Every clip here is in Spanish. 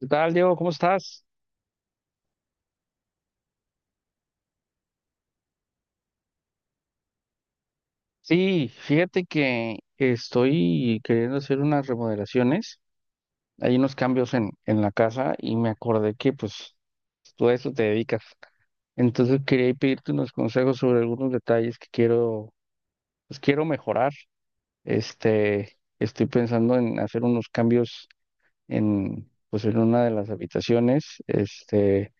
¿Qué tal, Diego? ¿Cómo estás? Sí, fíjate que estoy queriendo hacer unas remodelaciones. Hay unos cambios en la casa y me acordé que pues tú a eso te dedicas. Entonces quería pedirte unos consejos sobre algunos detalles que quiero, pues quiero mejorar. Estoy pensando en hacer unos cambios en, pues en una de las habitaciones. Este,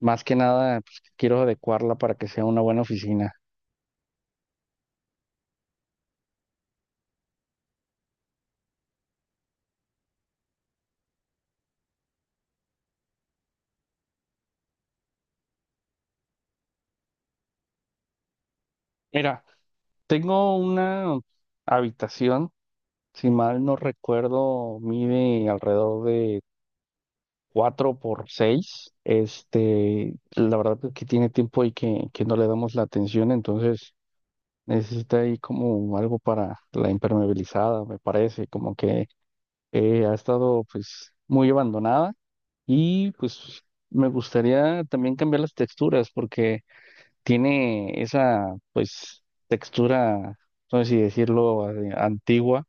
más que nada, pues quiero adecuarla para que sea una buena oficina. Mira. Tengo una habitación, si mal no recuerdo, mide alrededor de 4 por 6. Este, la verdad es que tiene tiempo y que no le damos la atención, entonces necesita ahí como algo para la impermeabilizada, me parece, como que ha estado pues muy abandonada y pues me gustaría también cambiar las texturas porque tiene esa pues textura, no sé si decirlo, antigua,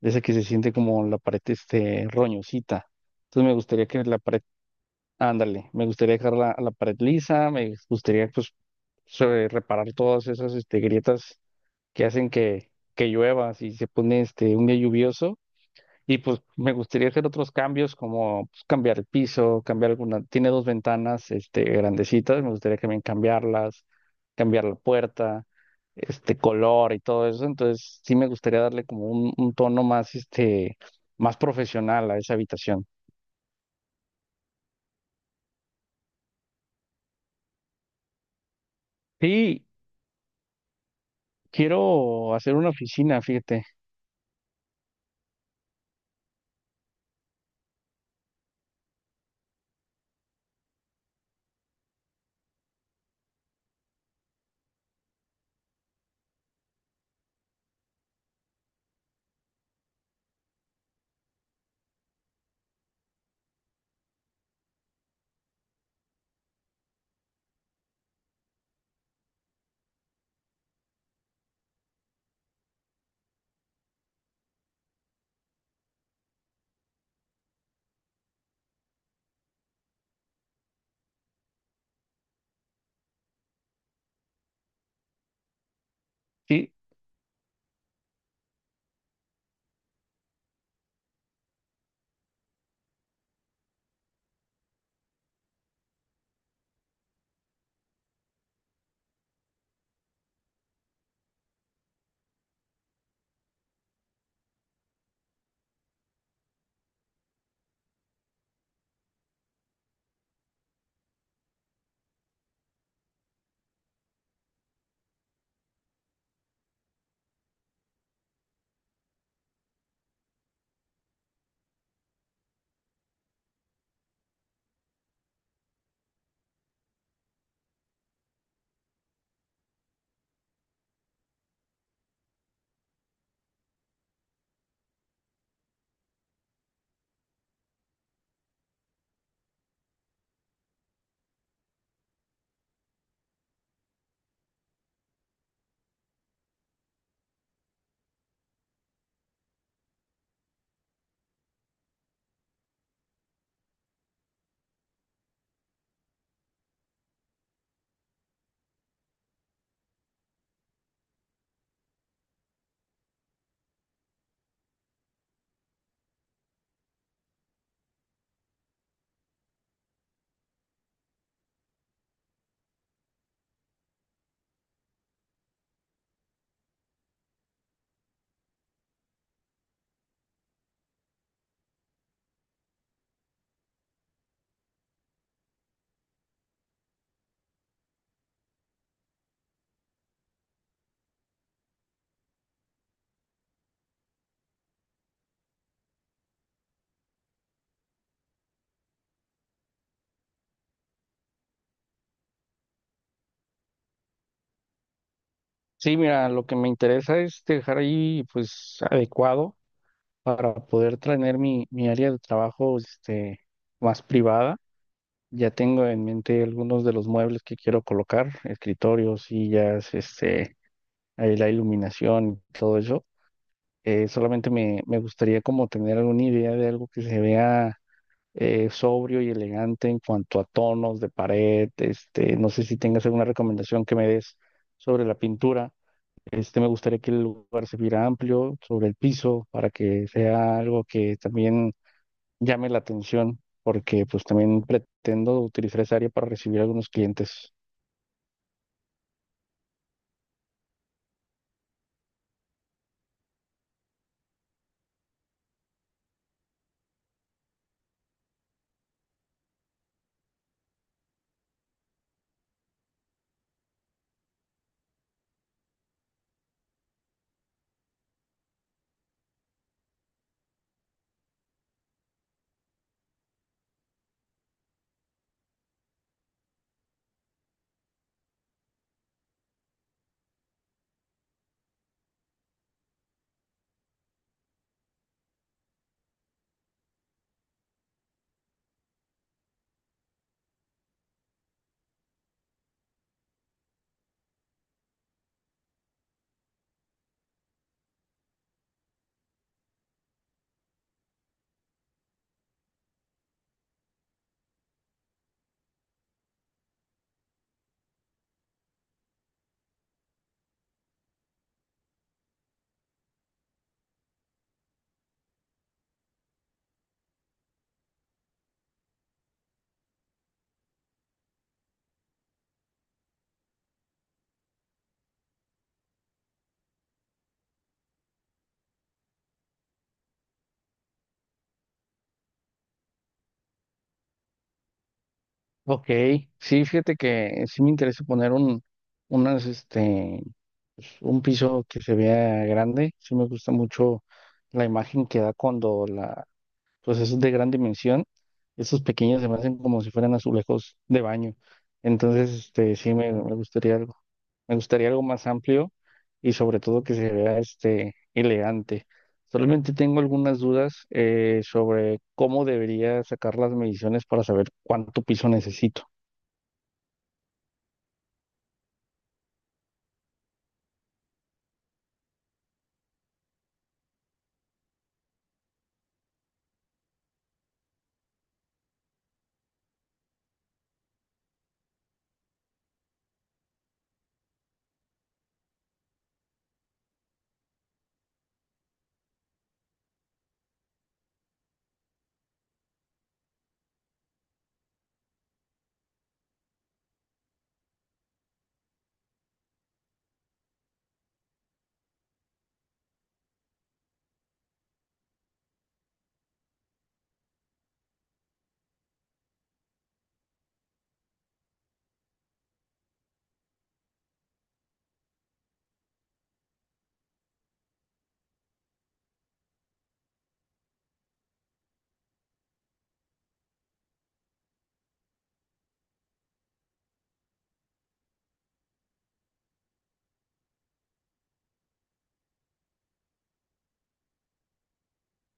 de esa que se siente como la pared este roñosita. Entonces me gustaría que la pared, ándale, me gustaría dejar la pared lisa, me gustaría pues reparar todas esas este, grietas que hacen que llueva si se pone este un día lluvioso. Y pues me gustaría hacer otros cambios como pues, cambiar el piso, cambiar alguna, tiene dos ventanas este grandecitas, me gustaría también cambiarlas, cambiar la puerta, este color y todo eso. Entonces sí me gustaría darle como un tono más, este, más profesional a esa habitación. Sí, quiero hacer una oficina, fíjate. Sí, sí, mira, lo que me interesa es dejar ahí pues adecuado para poder tener mi área de trabajo este, más privada. Ya tengo en mente algunos de los muebles que quiero colocar, escritorios, sillas, este, ahí la iluminación, todo eso. Solamente me gustaría como tener alguna idea de algo que se vea sobrio y elegante en cuanto a tonos de pared. Este, no sé si tengas alguna recomendación que me des sobre la pintura. Este, me gustaría que el lugar se viera amplio sobre el piso para que sea algo que también llame la atención, porque pues también pretendo utilizar esa área para recibir algunos clientes. Ok, sí, fíjate que sí me interesa poner un, unas, este, pues, un piso que se vea grande. Sí me gusta mucho la imagen que da cuando la, pues eso es de gran dimensión. Esos pequeños se me hacen como si fueran azulejos de baño. Entonces, este, sí me gustaría algo más amplio y sobre todo que se vea, este, elegante. Solamente tengo algunas dudas sobre cómo debería sacar las mediciones para saber cuánto piso necesito.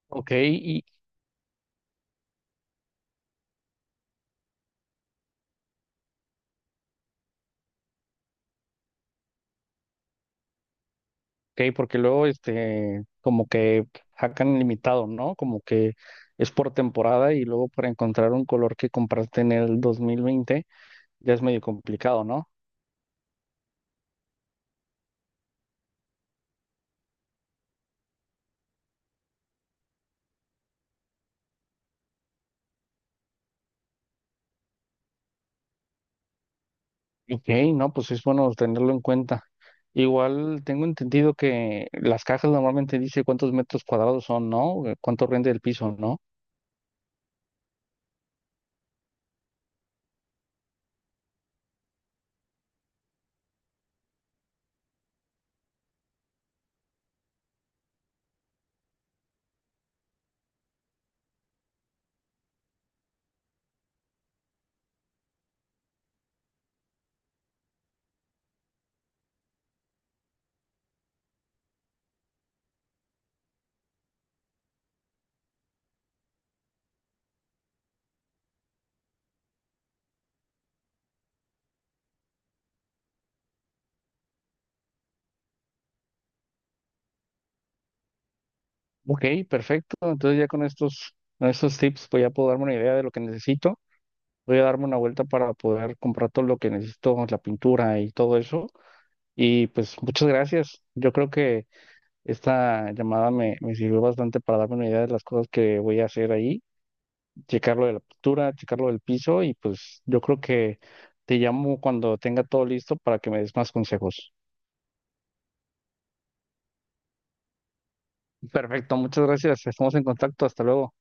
Ok, y ok, porque luego este como que hacan limitado, ¿no? Como que es por temporada y luego para encontrar un color que compraste en el 2020, ya es medio complicado, ¿no? Ok, no, pues es bueno tenerlo en cuenta. Igual tengo entendido que las cajas normalmente dice cuántos metros cuadrados son, ¿no? ¿Cuánto rinde el piso, ¿no? Ok, perfecto. Entonces ya con estos tips pues ya puedo darme una idea de lo que necesito. Voy a darme una vuelta para poder comprar todo lo que necesito, la pintura y todo eso. Y pues muchas gracias. Yo creo que esta llamada me sirvió bastante para darme una idea de las cosas que voy a hacer ahí, checar lo de la pintura, checar lo del piso y pues yo creo que te llamo cuando tenga todo listo para que me des más consejos. Perfecto, muchas gracias. Estamos en contacto. Hasta luego.